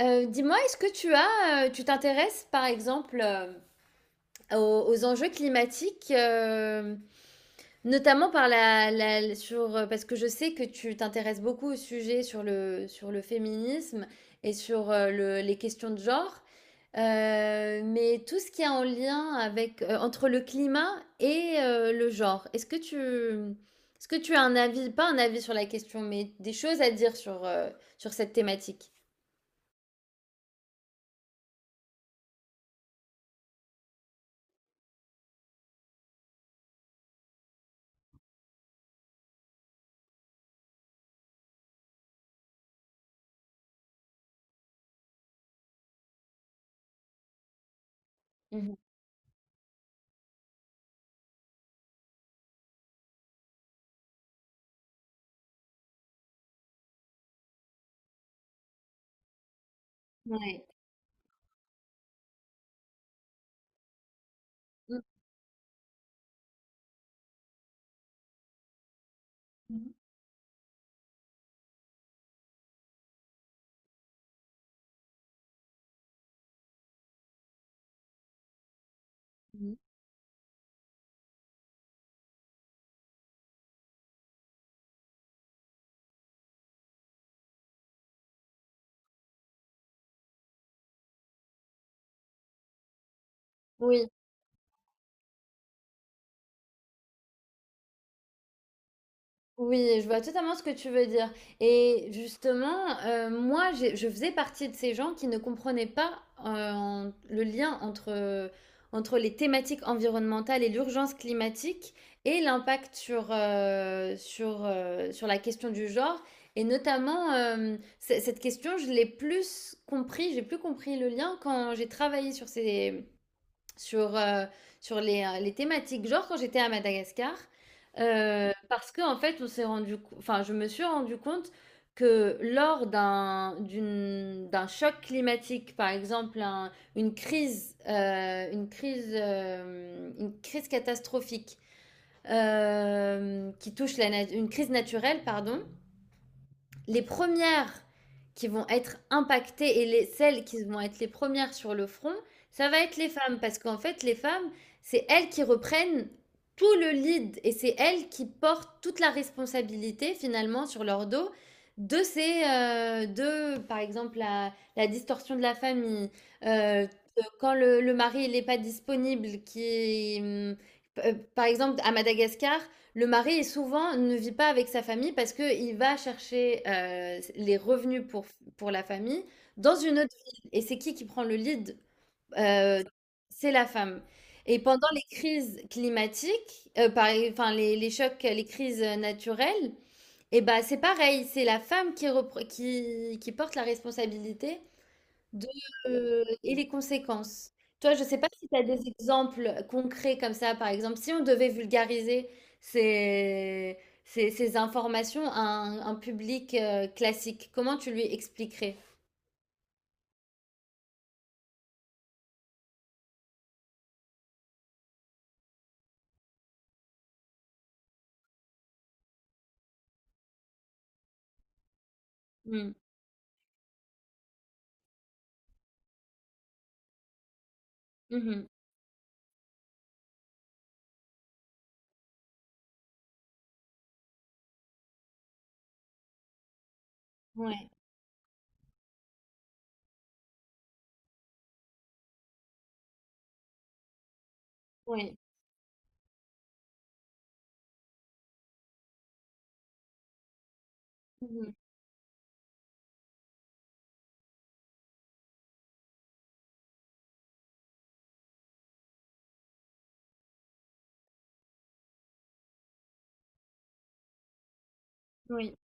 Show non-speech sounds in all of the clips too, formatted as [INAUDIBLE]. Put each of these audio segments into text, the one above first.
Dis-moi, est-ce que tu t'intéresses par exemple, aux enjeux climatiques, notamment parce que je sais que tu t'intéresses beaucoup au sujet sur le féminisme et sur les questions de genre, mais tout ce qui est en lien avec, entre le climat et le genre. Est-ce que tu as un avis, pas un avis sur la question, mais des choses à dire sur, sur cette thématique? Mhm. Ouais. Mmh. Oui, oui, je vois totalement ce que tu veux dire. Et justement, moi, je faisais partie de ces gens qui ne comprenaient pas le lien entre, entre les thématiques environnementales et l'urgence climatique et l'impact sur la question du genre. Et notamment, cette question, je l'ai plus compris, j'ai plus compris le lien quand j'ai travaillé sur ces, sur, sur les thématiques. Genre quand j'étais à Madagascar, parce que en fait, on s'est rendu, co- enfin, je me suis rendu compte que lors d'un choc climatique, par exemple, une crise catastrophique, qui touche une crise naturelle, pardon, les premières qui vont être impactées et celles qui vont être les premières sur le front, ça va être les femmes. Parce qu'en fait, les femmes, c'est elles qui reprennent tout le lead et c'est elles qui portent toute la responsabilité finalement sur leur dos par exemple, la distorsion de la famille, quand le mari n'est pas disponible, par exemple, à Madagascar, le mari est souvent ne vit pas avec sa famille parce qu'il va chercher, les revenus pour la famille dans une autre ville, et c'est qui prend le lead? Heu, c'est la femme, et pendant les crises climatiques, par enfin les chocs, les crises naturelles, et ben c'est pareil, c'est la femme qui repre qui porte la responsabilité de, et les conséquences. Toi, je ne sais pas si tu as des exemples concrets comme ça, par exemple, si on devait vulgariser ces, ces informations à un public classique, comment tu lui expliquerais? Mm, mhm, ouais, ouais, mhm, oui,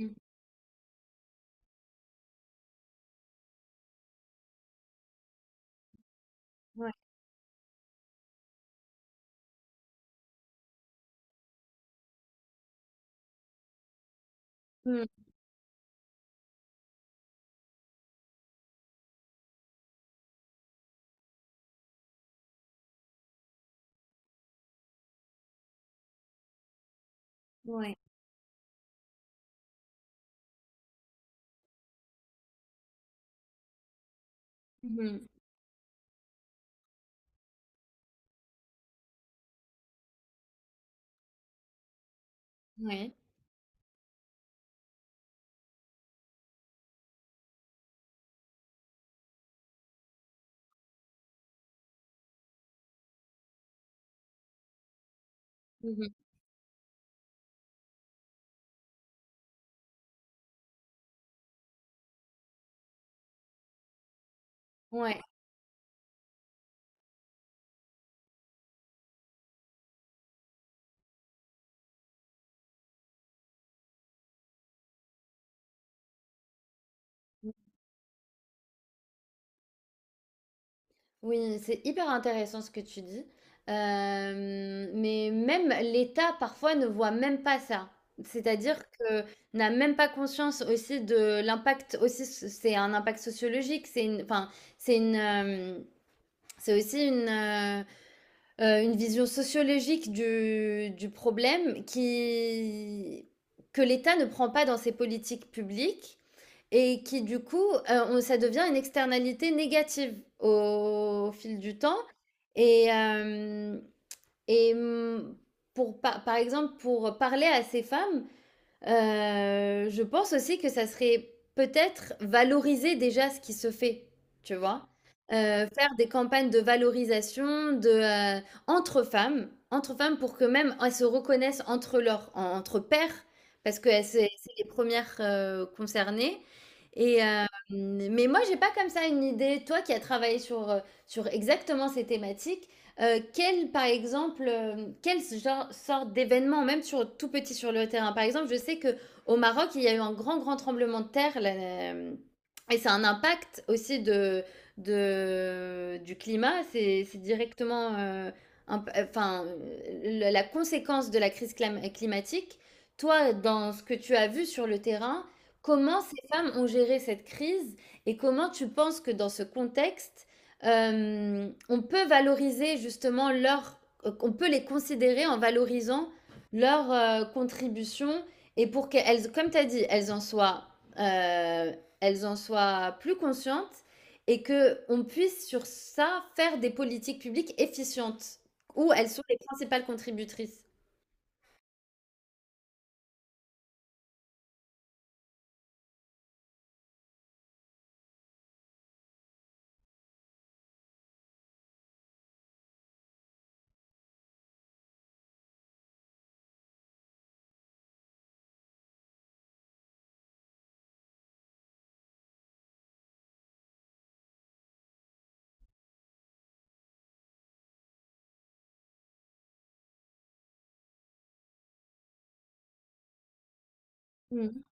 mm, ouais, mm, ouais, mhm, ouais, mhm, ouais. Oui, c'est hyper intéressant ce que tu dis. Mais même l'État parfois ne voit même pas ça. C'est-à-dire que n'a même pas conscience aussi de l'impact, aussi c'est un impact sociologique, c'est une enfin c'est une c'est aussi une vision sociologique du problème qui que l'État ne prend pas dans ses politiques publiques et qui du coup, on ça devient une externalité négative au fil du temps et hem et, pour par par exemple, pour parler à ces femmes. Je pense aussi que ça serait peut-être valoriser déjà ce qui se fait, tu vois? Faire des campagnes de valorisation entre femmes pour que même elles se reconnaissent entre leurs en entre pairs, parce que elles, c'est les premières res concernées, mais moi j'ai pas comme ça une idée. Toi qui as travaillé sur exactement ces thématiques, par exemple, quel genre, sorte d'événement, même tout petit sur le terrain? Par exemple, je sais que au Maroc, il y a eu un grand, grand tremblement de terre là, et c'est un impact aussi du climat. C'est directement, enfin, la conséquence de la crise climatique. Toi, dans ce que tu as vu sur le terrain, comment ces femmes ont géré cette crise et comment tu penses que dans ce contexte, euh, on peut valoriser justement leur, on peut les considérer en valorisant leur contribution, et pour qu'elles, comme tu as dit, euh, elles en soient plus conscientes, et que on puisse sur ça faire des politiques publiques efficientes où elles sont les principales contributrices. Mhm.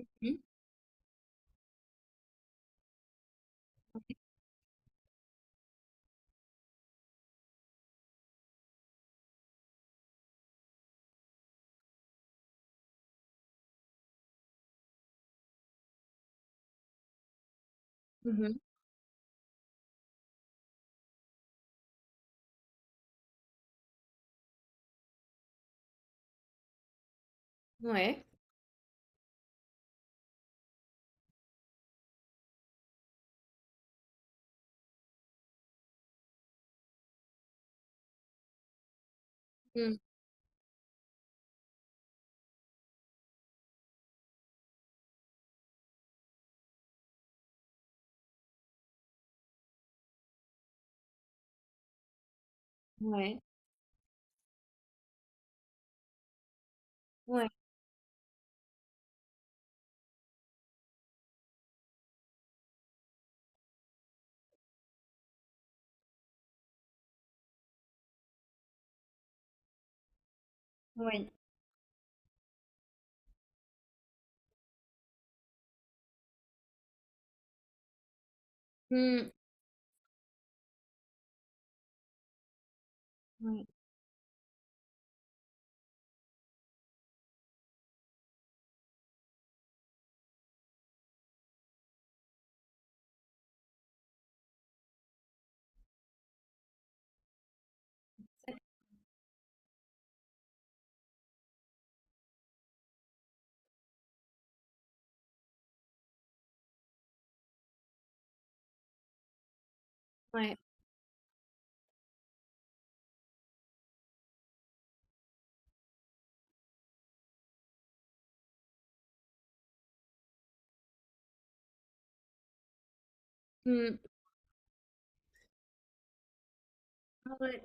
Mhm. Mhm. Ouais. Mm. Ouais. Ouais. Ouais. Mm. Ouais. Ouais. Mm. Ouais.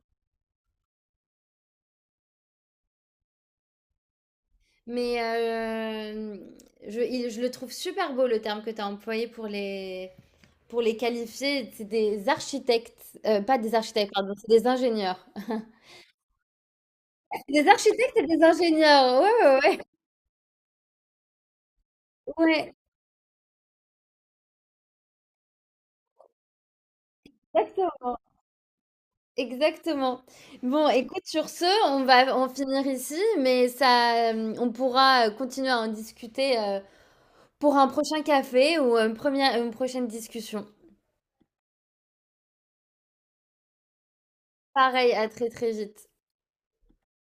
Mais, je le trouve super beau le terme que tu as employé pour les qualifier. C'est des architectes, pas des architectes, pardon, c'est des ingénieurs. [LAUGHS] Des architectes et des ingénieurs, ouais, ouais, ouais. Ouais, exactement. Exactement. Bon, écoute, sur ce, on va en finir ici, mais ça, on pourra continuer à en discuter pour un prochain café ou une prochaine discussion. Pareil, à très très vite.